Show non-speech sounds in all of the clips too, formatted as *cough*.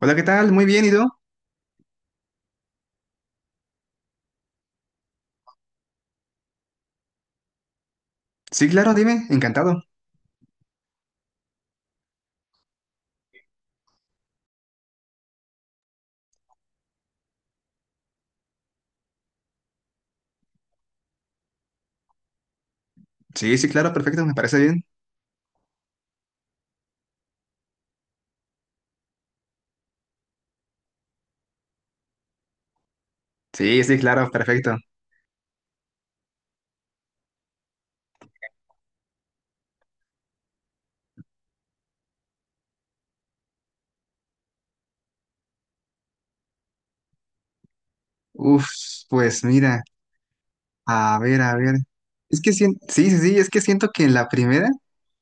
Hola, ¿qué tal? Muy bien, ¿y tú? Sí, claro, dime, encantado. Sí, sí, claro, perfecto, me parece bien. Sí, sí, claro, perfecto. Uf, pues mira, a ver, a ver. Sí, sí, sí, es que siento que en la primera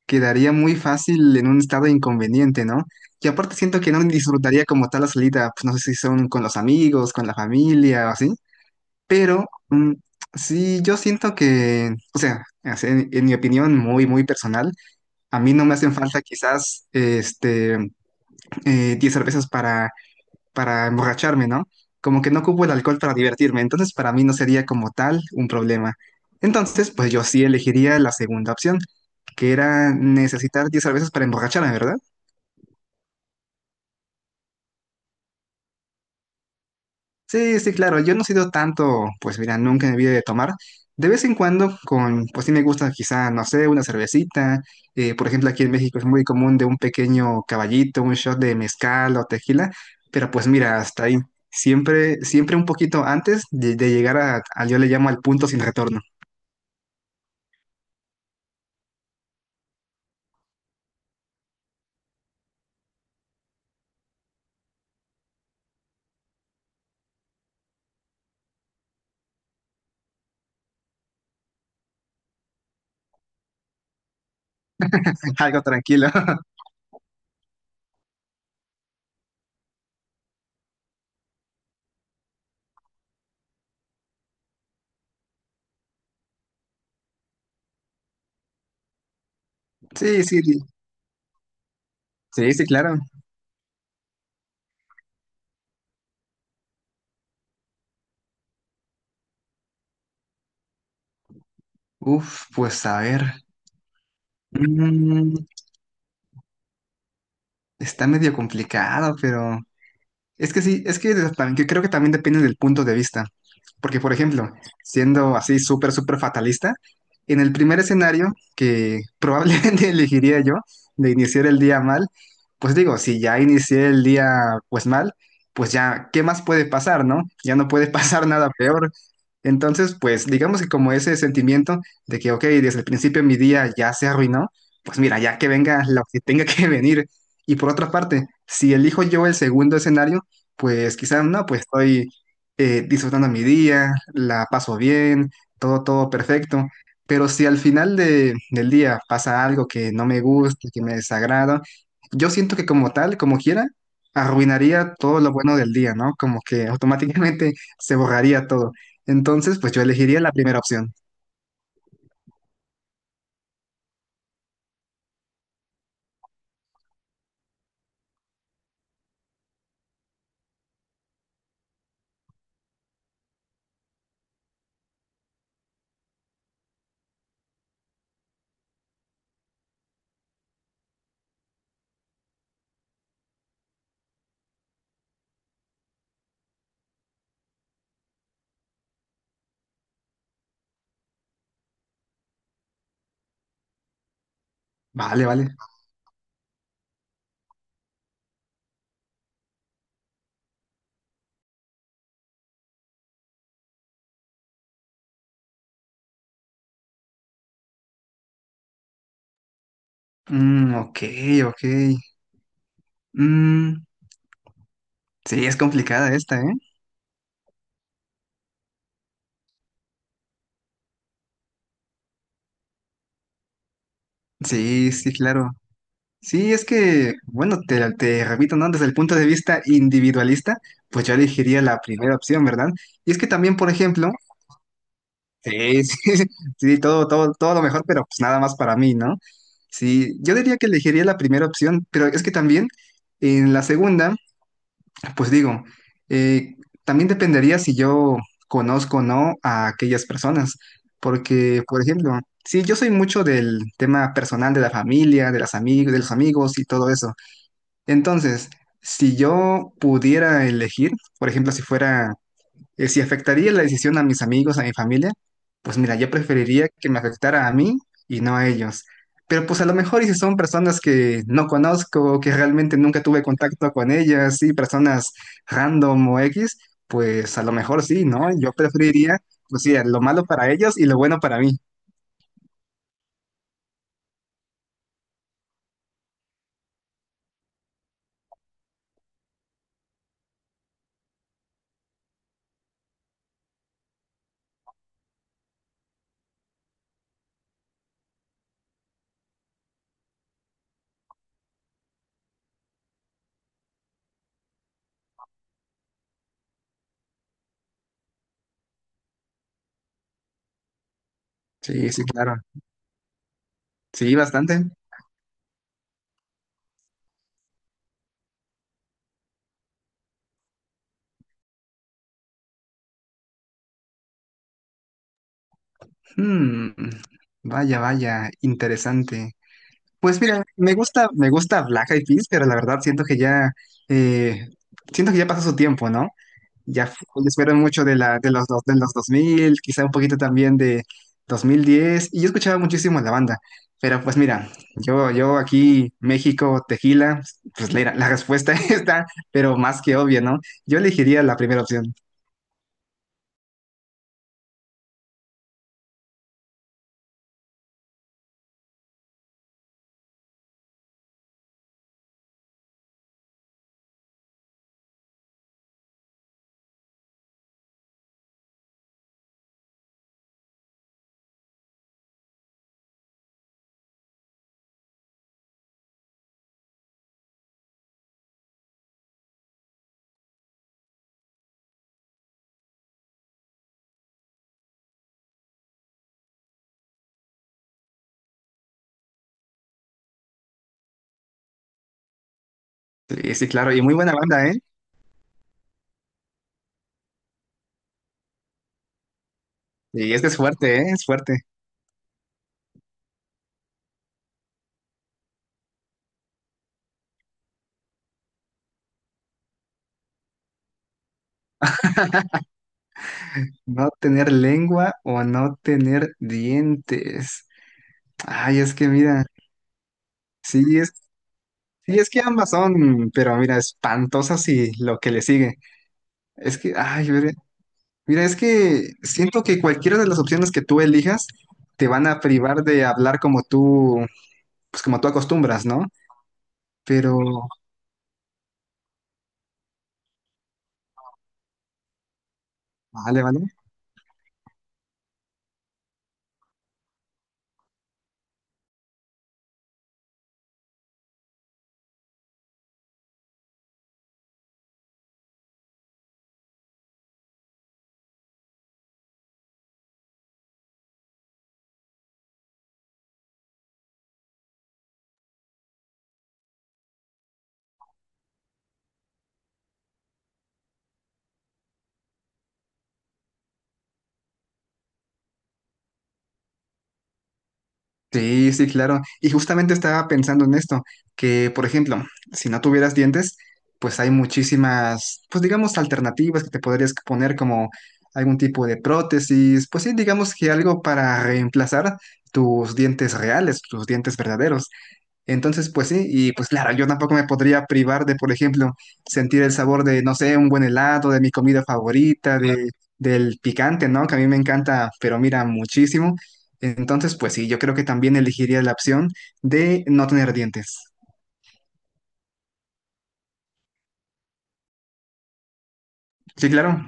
quedaría muy fácil en un estado inconveniente, ¿no? Y aparte siento que no disfrutaría como tal la salida, pues no sé si son con los amigos, con la familia o así, pero sí, yo siento que, o sea, así en mi opinión muy, muy personal, a mí no me hacen falta quizás, 10 cervezas para, emborracharme, ¿no? Como que no ocupo el alcohol para divertirme, entonces para mí no sería como tal un problema. Entonces, pues yo sí elegiría la segunda opción, que era necesitar 10 cervezas para emborracharme, ¿verdad? Sí, sí, claro. Yo no he sido tanto, pues mira, nunca en mi vida de tomar. De vez en cuando, con, pues sí me gusta quizá, no sé, una cervecita. Por ejemplo, aquí en México es muy común de un pequeño caballito, un shot de mezcal o tequila. Pero pues mira, hasta ahí. Siempre, siempre un poquito antes de llegar yo le llamo al punto sin retorno. *laughs* Algo tranquilo. *laughs* Sí, sí, sí, sí, sí, claro. Uf, pues a ver. Mm, Está medio complicado, pero... Es que sí, es que también, que creo que también depende del punto de vista. Porque, por ejemplo, siendo así súper, súper fatalista, en el primer escenario que probablemente *laughs* elegiría yo de iniciar el día mal, pues digo, si ya inicié el día pues mal, pues ya, ¿qué más puede pasar, no? Ya no puede pasar *laughs* nada peor. Entonces, pues digamos que como ese sentimiento de que, ok, desde el principio mi día ya se arruinó, pues mira, ya que venga lo que tenga que *laughs* venir. Y por otra parte, si elijo yo el segundo escenario, pues quizás no, pues estoy disfrutando mi día, la paso bien, todo, todo perfecto. Pero si al final del día pasa algo que no me gusta, que me desagrada, yo siento que como tal, como quiera, arruinaría todo lo bueno del día, ¿no? Como que automáticamente *laughs* se borraría todo. Entonces, pues yo elegiría la primera opción. Vale, vale. Mm, ok, ok. Mm, sí, es complicada esta, ¿eh? Sí, sí, claro. Sí, es que, bueno, te repito, ¿no? Desde el punto de vista individualista, pues yo elegiría la primera opción, ¿verdad? Y es que también, por ejemplo, sí, *laughs* sí, sí, sí, todo, todo, todo lo mejor, pero pues nada más para mí, ¿no? Sí, yo diría que elegiría la primera opción, pero es que también en la segunda, pues digo, eh, también dependería si yo conozco o no a aquellas personas, porque, por ejemplo, sí, yo soy mucho del tema personal de la familia, de las amigos, de los amigos y todo eso. Entonces, si yo pudiera elegir, por ejemplo, si fuera, si afectaría la decisión a mis amigos, a mi familia, pues mira, yo preferiría que me afectara a mí y no a ellos. Pero pues a lo mejor y si son personas que no conozco, que realmente nunca tuve contacto con ellas, sí, personas random o X, pues a lo mejor sí, ¿no? Yo preferiría, pues sí, lo malo para ellos y lo bueno para mí. Sí, sí, claro. Sí, bastante. Mm, Vaya, vaya, interesante. Pues mira, me gusta Black Eyed Peas, pero la verdad eh, siento que ya pasó su tiempo, ¿no? Ya ellos fueron mucho de la, de los, de los 2000, quizá un poquito también de 2010. Y yo escuchaba muchísimo la banda. Pero pues mira, yo aquí, México, tequila, pues la respuesta *laughs* está, pero más que obvia, ¿no? Yo elegiría la primera opción. Sí, sí, claro, y muy buena banda, ¿eh? Y es que es fuerte, ¿eh? Es fuerte. No tener lengua o no tener dientes. Ay, es que mira, sí es, sí es que ambas son, pero mira, espantosas y lo que le sigue. Es que, ay, mira, mira, es que siento que cualquiera de las opciones que tú elijas te van a privar de hablar como tú, pues como tú acostumbras, ¿no? Pero, vale, vale. Sí, sí, claro. Y justamente estaba pensando en esto, que por ejemplo, si no tuvieras dientes, pues hay muchísimas, pues digamos, alternativas que te podrías poner como algún tipo de prótesis, pues sí, digamos que algo para reemplazar tus dientes reales, tus dientes verdaderos. Entonces, pues sí, y pues claro, yo tampoco me podría privar de, por ejemplo, sentir el sabor de, no sé, un buen helado, de mi comida favorita, de, del picante, ¿no? Que a mí me encanta, pero mira, muchísimo. Entonces, pues sí, yo creo que también elegiría la opción de no tener dientes. Sí, claro.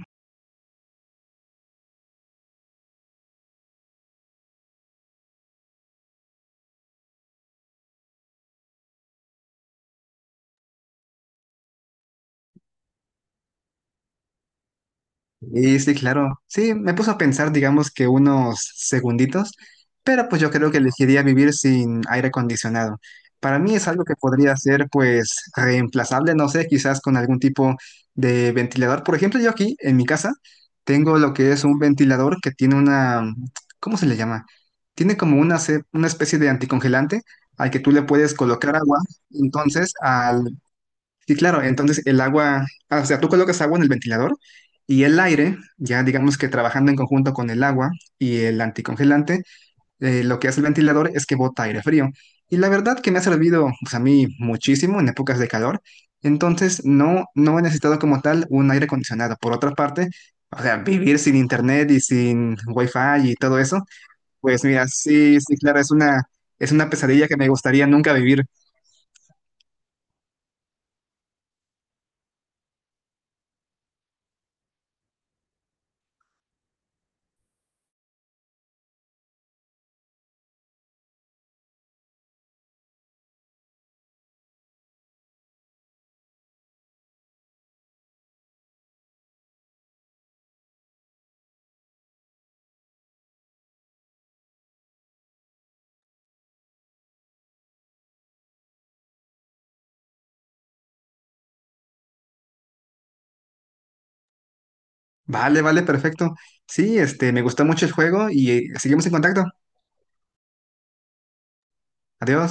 Y sí, claro. Sí, me puso a pensar, digamos que unos segunditos, pero pues yo creo que elegiría vivir sin aire acondicionado. Para mí es algo que podría ser pues reemplazable, no sé, quizás con algún tipo de ventilador. Por ejemplo, yo aquí en mi casa tengo lo que es un ventilador que tiene una, ¿cómo se le llama? Tiene como una, una especie de anticongelante al que tú le puedes colocar agua. Entonces, al Sí, claro, entonces el agua, ah, o sea, tú colocas agua en el ventilador y el aire, ya digamos que trabajando en conjunto con el agua y el anticongelante, lo que hace el ventilador es que bota aire frío. Y la verdad que me ha servido, pues a mí muchísimo en épocas de calor, entonces no he necesitado como tal un aire acondicionado. Por otra parte, o sea, vivir sin internet y sin wifi y todo eso, pues mira, sí, sí, claro, es una, pesadilla que me gustaría nunca vivir. Vale, vale, perfecto. Sí, me gustó mucho el juego y seguimos en contacto. Adiós.